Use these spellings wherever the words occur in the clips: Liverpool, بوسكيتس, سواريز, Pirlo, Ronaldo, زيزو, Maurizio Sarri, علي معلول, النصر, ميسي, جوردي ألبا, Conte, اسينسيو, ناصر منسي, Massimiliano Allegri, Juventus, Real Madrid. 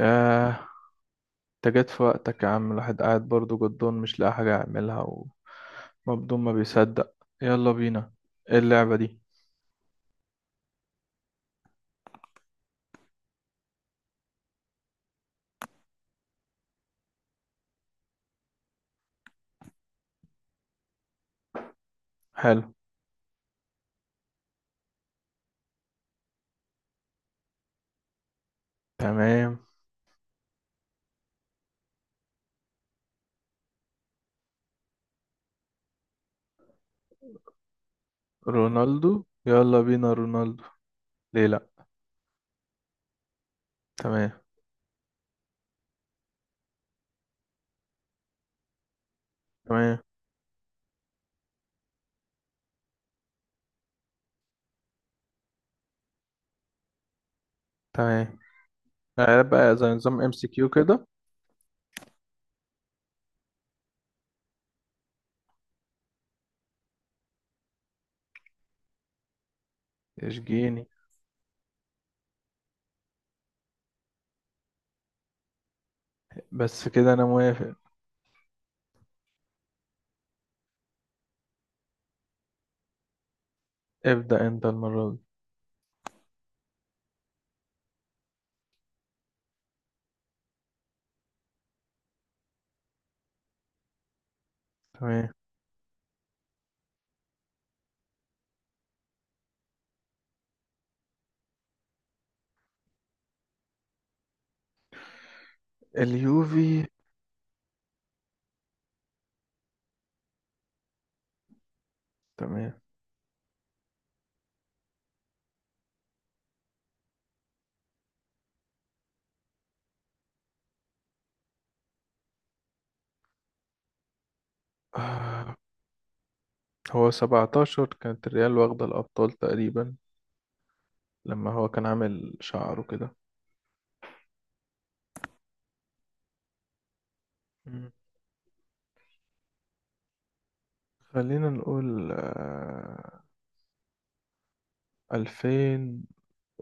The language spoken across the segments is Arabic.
آه انت جيت في وقتك يا عم، الواحد قاعد برضه جدون مش لاقي حاجة يعملها، ومبدون ما بيصدق. يلا بينا. ايه اللعبة دي؟ حلو. تمام. رونالدو، يلا بينا رونالدو، ليه لأ. تمام. تمام. تمام. بقى زي نظام ام سي كيو كده. اشجيني. بس كده انا موافق. ابدأ انت المرة دي. تمام. اليوفي. تمام. آه هو 17 كانت الريال واخدة الأبطال تقريبا، لما هو كان عامل شعره كده. مم. خلينا نقول ألفين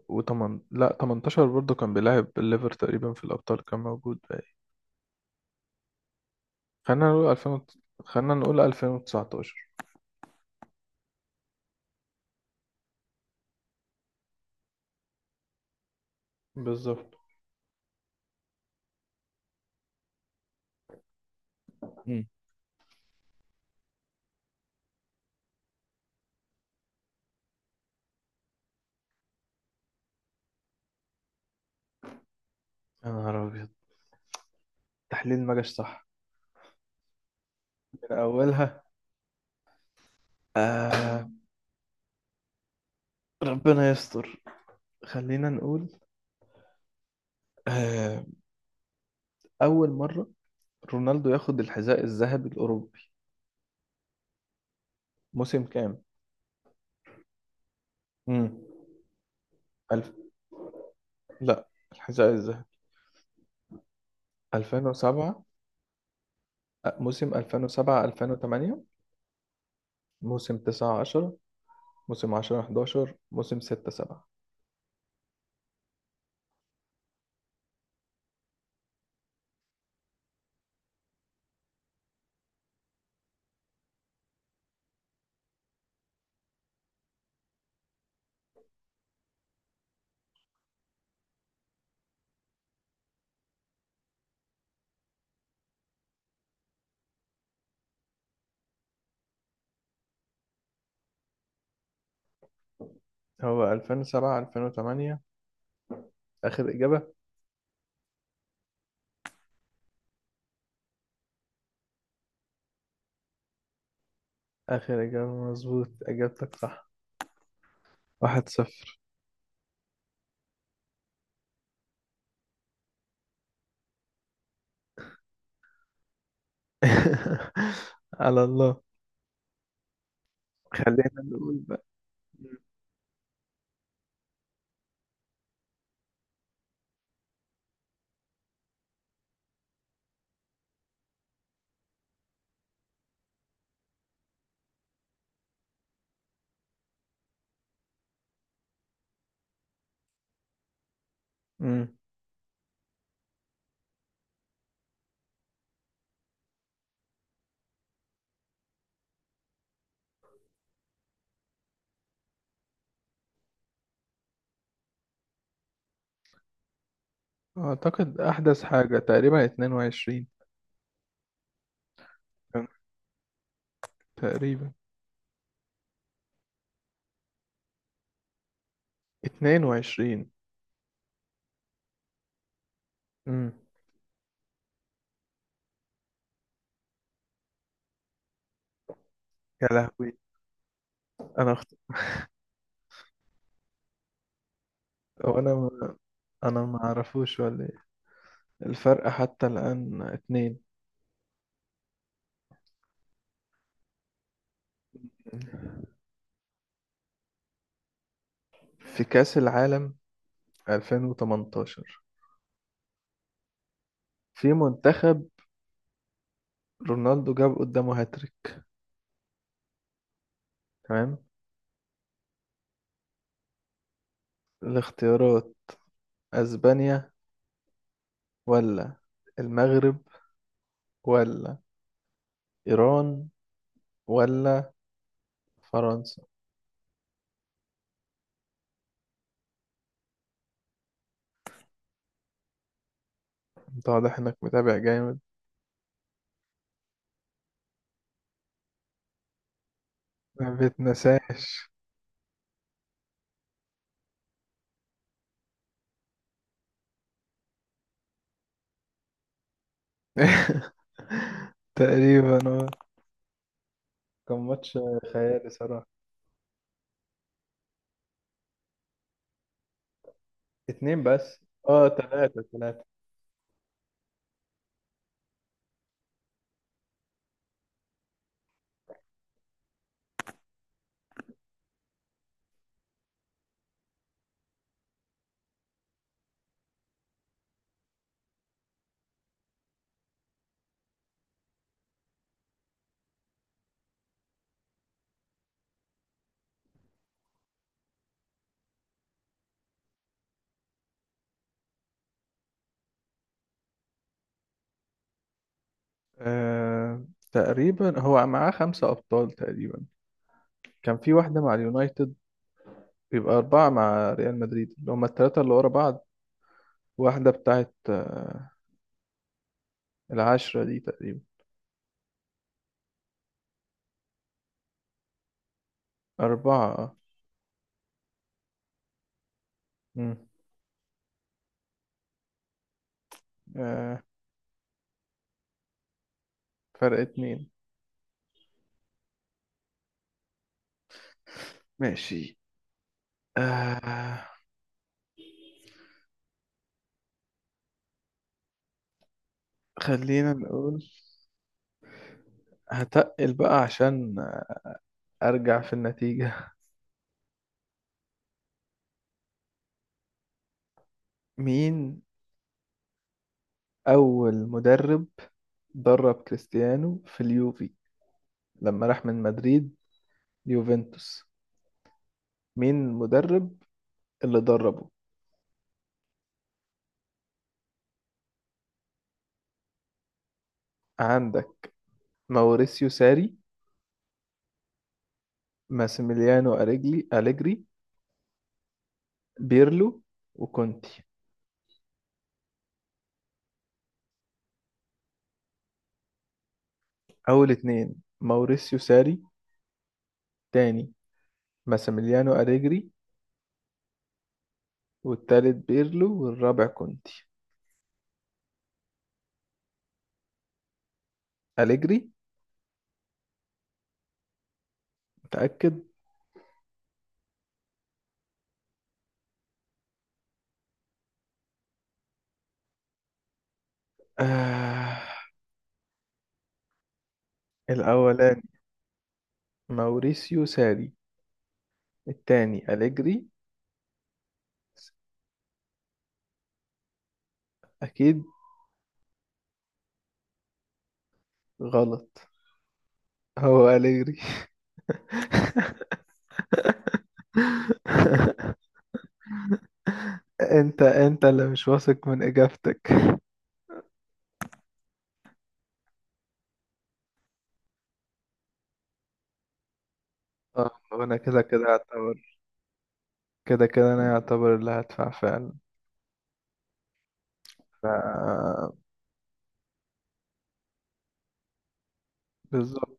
وتمن لا تمنتاشر، برضه كان بيلعب الليفر تقريبا في الأبطال، كان موجود بقى. خلينا نقول ألفين وت... خلينا نقول 2019. بالظبط. مم. يا نهار أبيض، التحليل ما جاش صح من أولها. آه... ربنا يستر. خلينا نقول آه... أول مرة رونالدو ياخد الحذاء الذهبي الأوروبي موسم كام؟ مم. ألف لا، الحذاء الذهبي. 2007. موسم 2007 2008. موسم 9 10. موسم 10 11. موسم 6 7. هو 2007 2008 آخر إجابة. آخر إجابة مظبوط، إجابتك صح. 1-0. على الله. خلينا نقول بقى. امم أعتقد أحدث حاجة تقريبا 22. تقريبا 22. امم يا لهوي. أنا أخت... أو أنا ما... أنا ما أعرفوش ولا إيه. الفرق حتى الآن اتنين. في كأس العالم 2018 في منتخب رونالدو جاب قدامه هاتريك. تمام. الاختيارات: اسبانيا، ولا المغرب، ولا ايران، ولا فرنسا. انت واضح انك متابع جامد. ما بتنساش. تقريبا اه. كان ماتش خيالي صراحة. اتنين بس. اه، تلاتة تلاتة. آه تقريبا هو معاه خمسة أبطال تقريبا، كان في واحدة مع اليونايتد، بيبقى أربعة مع ريال مدريد اللي هما التلاتة اللي ورا بعض، واحدة بتاعت العشرة دي تقريبا. أربعة اه. مم. آه، فرق اتنين. ماشي. آه خلينا نقول. هتقل بقى عشان أرجع في النتيجة. مين؟ أول مدرب درب كريستيانو في اليوفي لما راح من مدريد ليوفنتوس، مين المدرب اللي دربه؟ عندك ماوريسيو ساري، ماسيميليانو أليجري، بيرلو، وكونتي. أول اتنين: ماوريسيو ساري، تاني ماسيميليانو أليجري، والتالت بيرلو، والرابع كونتي. أليجري. متأكد. آه. الأولاني ماوريسيو ساري، التاني أليجري. أكيد. غلط، هو أليجري. أنت اللي مش واثق من إجابتك. اه، وأنا كده كده أعتبر، كده كده أنا أعتبر اللي هدفع فعلا. ف بالظبط.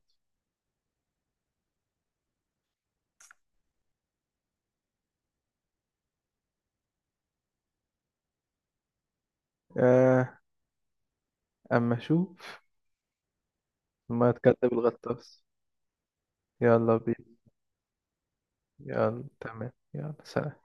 آه. أما شو، ما تكذب الغطاس. يلا بينا. يلا، تمام، يلا سلام.